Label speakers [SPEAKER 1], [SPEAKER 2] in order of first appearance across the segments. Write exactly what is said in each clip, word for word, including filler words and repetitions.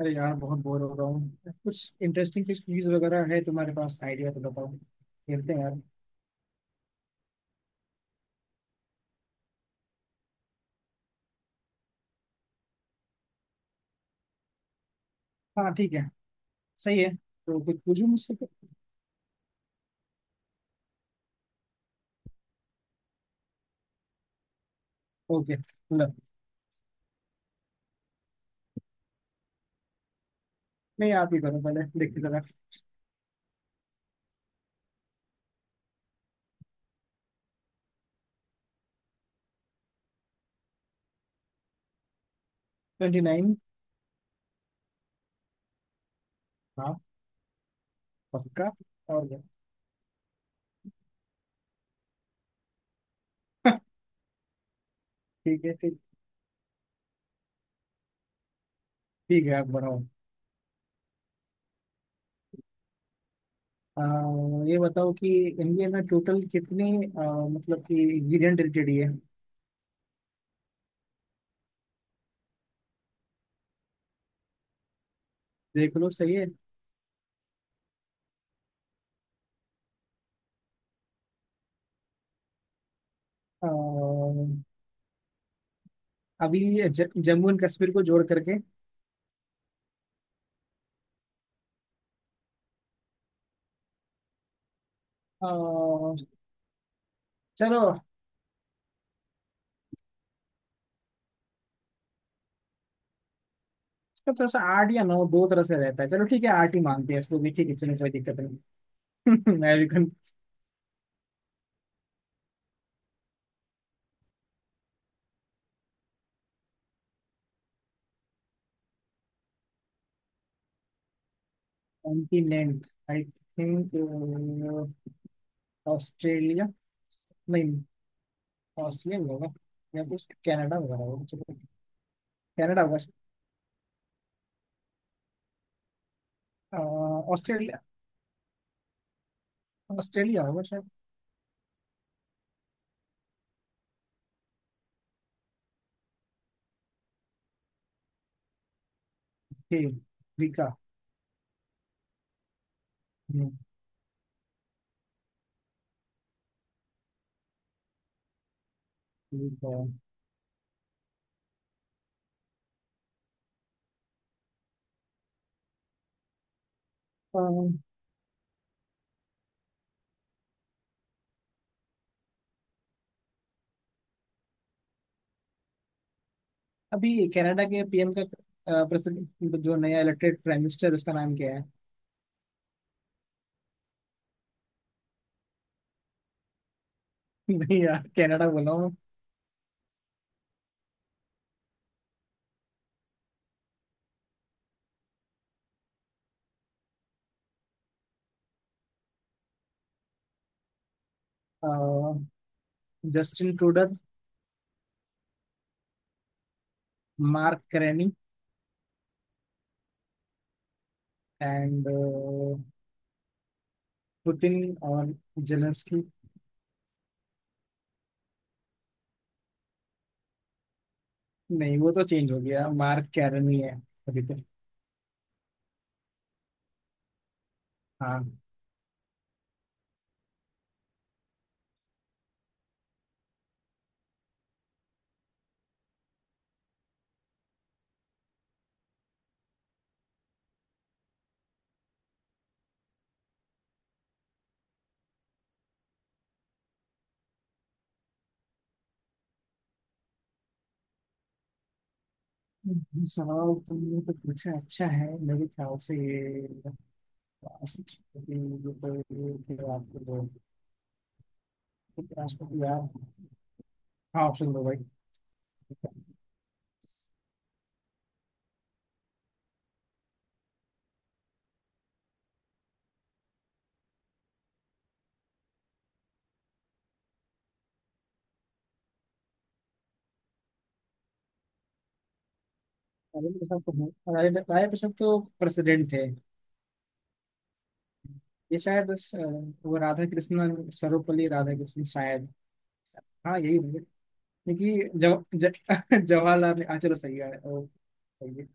[SPEAKER 1] अरे यार, बहुत बोर हो रहा हूँ। कुछ इंटरेस्टिंग, कुछ क्विज वगैरह है तुम्हारे पास आइडिया तो बताओ, खेलते हैं यार। हाँ, ठीक है। सही है, तो कुछ पूछूं मुझसे। ओके। लो। नहीं, आप ही करो, पहले देखते जरा। Twenty nine. हाँ, पक्का। और क्या। ठीक है, ठीक। ठीक है, आप बनाओ। आ, ये बताओ कि इंडिया में टोटल कितने, आ, मतलब कि इंग्रेडिएंट रिलेटेड ये है। देख लो, सही है। आ, अभी ज, जम्मू एंड कश्मीर को जोड़ करके। आ, चलो। इसका तो ऐसा आर्ट या नौ, दो तरह से रहता है। चलो ठीक है, आर्ट ही मानते हैं इसको भी। ठीक है चलो, कोई दिक्कत नहीं। American. Continent I think Australia. नहीं, ऑस्ट्रेलिया भी होगा, या कुछ कनाडा वगैरह होगा, चलो। कनाडा होगा शायद। अह, ऑस्ट्रेलिया। ऑस्ट्रेलिया होगा शायद। ठीक, अफ्रीका। हम्म, ठीक है। अह, अभी कनाडा के पी एम का अह, प्रेसिडेंट, जो नया इलेक्टेड प्राइम मिनिस्टर, उसका नाम क्या है? नहीं यार, कनाडा बोला हूँ मैं। अह, Justin Trudeau. Mark Carney. And Putin और जेलेंस्की। नहीं, वो तो चेंज हो गया, मार्क कैरनी है अभी तो। हाँ, ये सवाल तुमने तो पूछा अच्छा है। मेरे ख्याल से ये राष्ट्रपति, ये तो ये थे आपके दो राष्ट्रपति यार। हाँ, ऑप्शन दो भाई। राजेंद्र प्रसाद तो हैं, राजेंद्र राजेंद्र प्रसाद तो प्रेसिडेंट थे। ये शायद अ, वो राधा कृष्णन, सर्वपल्ली राधा कृष्णन शायद। हाँ, यही। देखिए जव, ज, जवाहरलाल ने- हाँ चलो सही है, ओ, सही है।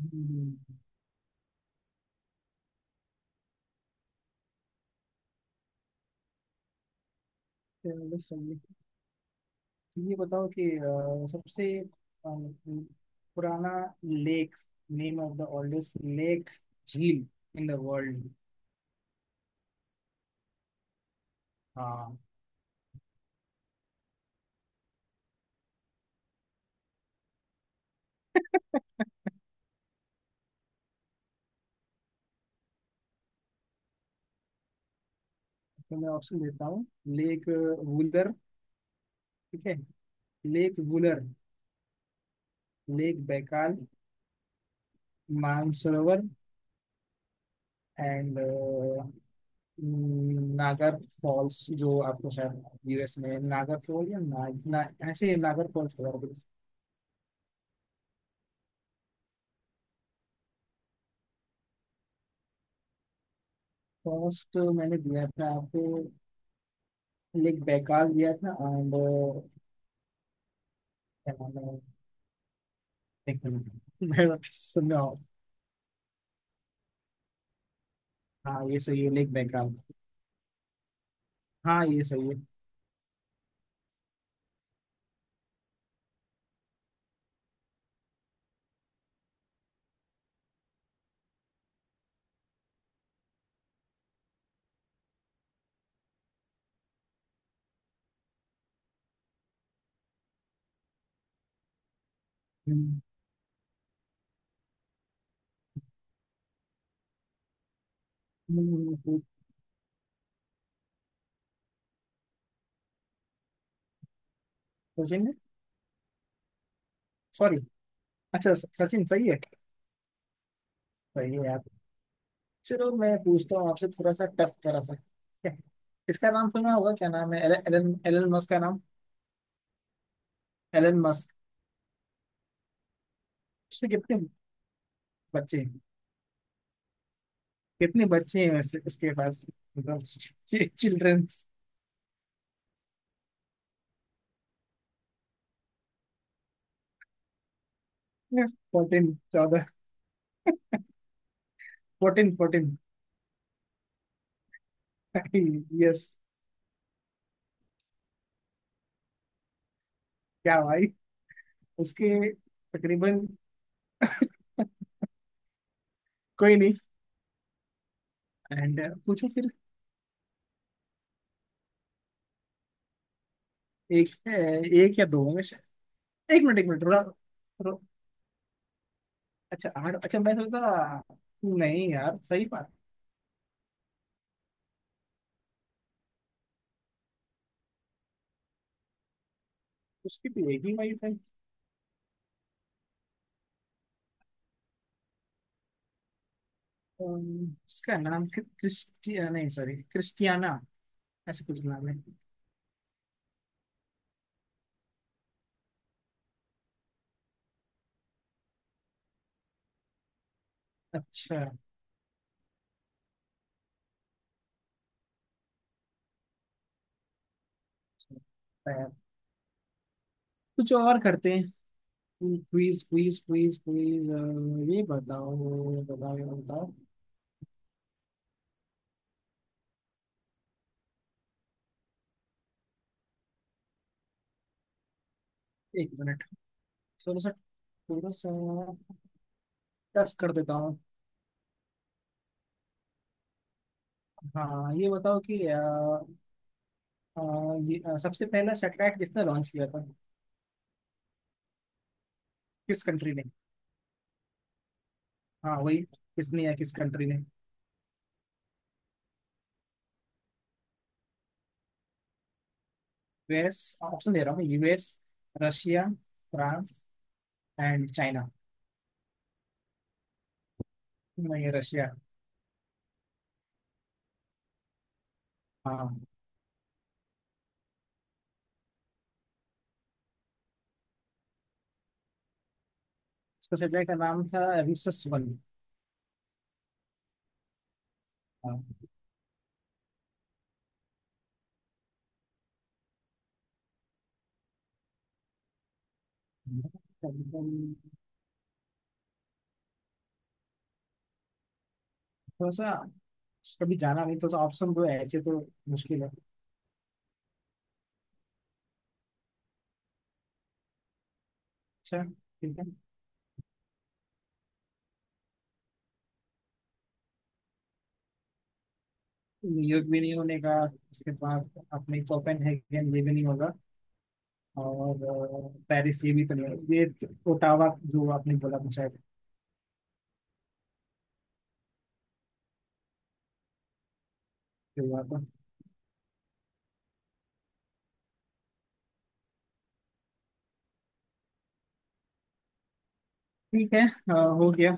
[SPEAKER 1] हम्म, चलो सही है। तो ये बताओ कि अ, सबसे अ, पुराना lake, name of the oldest lake, झील इन द वर्ल्ड। हाँ, तो मैं ऑप्शन देता हूँ। लेक वुलर। ठीक है, lake Wular. Lake Baikal. Mansarovar. And Niagara Falls, जो आपको शायद यू एस में नागर फॉल या ना, ना ऐसे नागर फॉल्स वगैरह। फर्स्ट मैंने दिया था आपको, लेक बैकाल दिया था। एंड क्या नाम है? एक मिनट, मैं सुन रहा हूँ। हाँ, ये सही है लेक बैकाल। हाँ, ये सही है। हम्म। हम्म। हम्म। सचिन। सॉरी। अच्छा स- सचिन सही है। सही है यार। चलो मैं पूछता हूँ आपसे थोड़ा सा टफ तरह सा, ठीक है? इसका नाम सुना होगा? क्या नाम है एलन एलन मस्क का नाम। Elon Musk. उसके कितने बच्चे हैं? कितने बच्चे हैं वैसे उसके पास? मतलब, चिल्ड्रन। फोर्टीन, चौदह। Fourteen, fourteen. यस। क्या भाई। उसके तकरीबन कोई नहीं। एंड पूछो फिर। एक अ, एक या दो होंगे शायद। एक मिनट एक मिनट, थोड़ा थोड़ा- अच्छा, आठ। अच्छा मैं सोचता, नहीं यार, सही बात। उसकी तो एक ही वाइफ है। अम्म, इसका नाम क्रि- क्रिस्टिया नहीं, सॉरी, क्रिस्टियाना। ऐसे कुछ नाम है। अच्छा। अच्छा। कुछ और करते हैं। Quiz, quiz, quiz, quiz. ये बताओ, ये बताओ, ये बताओ। एक मिनट, थोड़ा सा थोड़ा सा टफ कर देता हूँ। हाँ, ये बताओ कि अ, अ, ये अ, सबसे पहला सैटेलाइट किसने लॉन्च किया था? किस कंट्री ने? हाँ, वही, किसने या किस कंट्री ने? यू एस ऑप्शन दे रहा हूँ U S Russia. France. And China. नहीं, रशिया। हाँ। उसका सैटेलाइट का नाम था रिसस वन। हाँ। थोड़ा सा कभी जाना नहीं, तो तो ऑप्शन दो, ऐसे तो मुश्किल है। अच्छा। ठीक है। न्यूयॉर्क भी नहीं होने का, उसके बाद अपने कोपेनहेगन, ये भी नहीं होगा, और अ, पेरिस, ये भी तो नहीं होगा, ये तो- ओटावा, जो आपने बोला था शायद। ये हुआ था। ठीक है, अ, हो गया।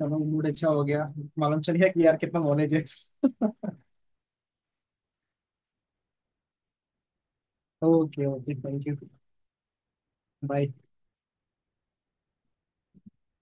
[SPEAKER 1] चलो मूड अच्छा हो गया। मालूम चल गया कि यार कितना नॉलेज है। Okay, okay, thank you. Bye.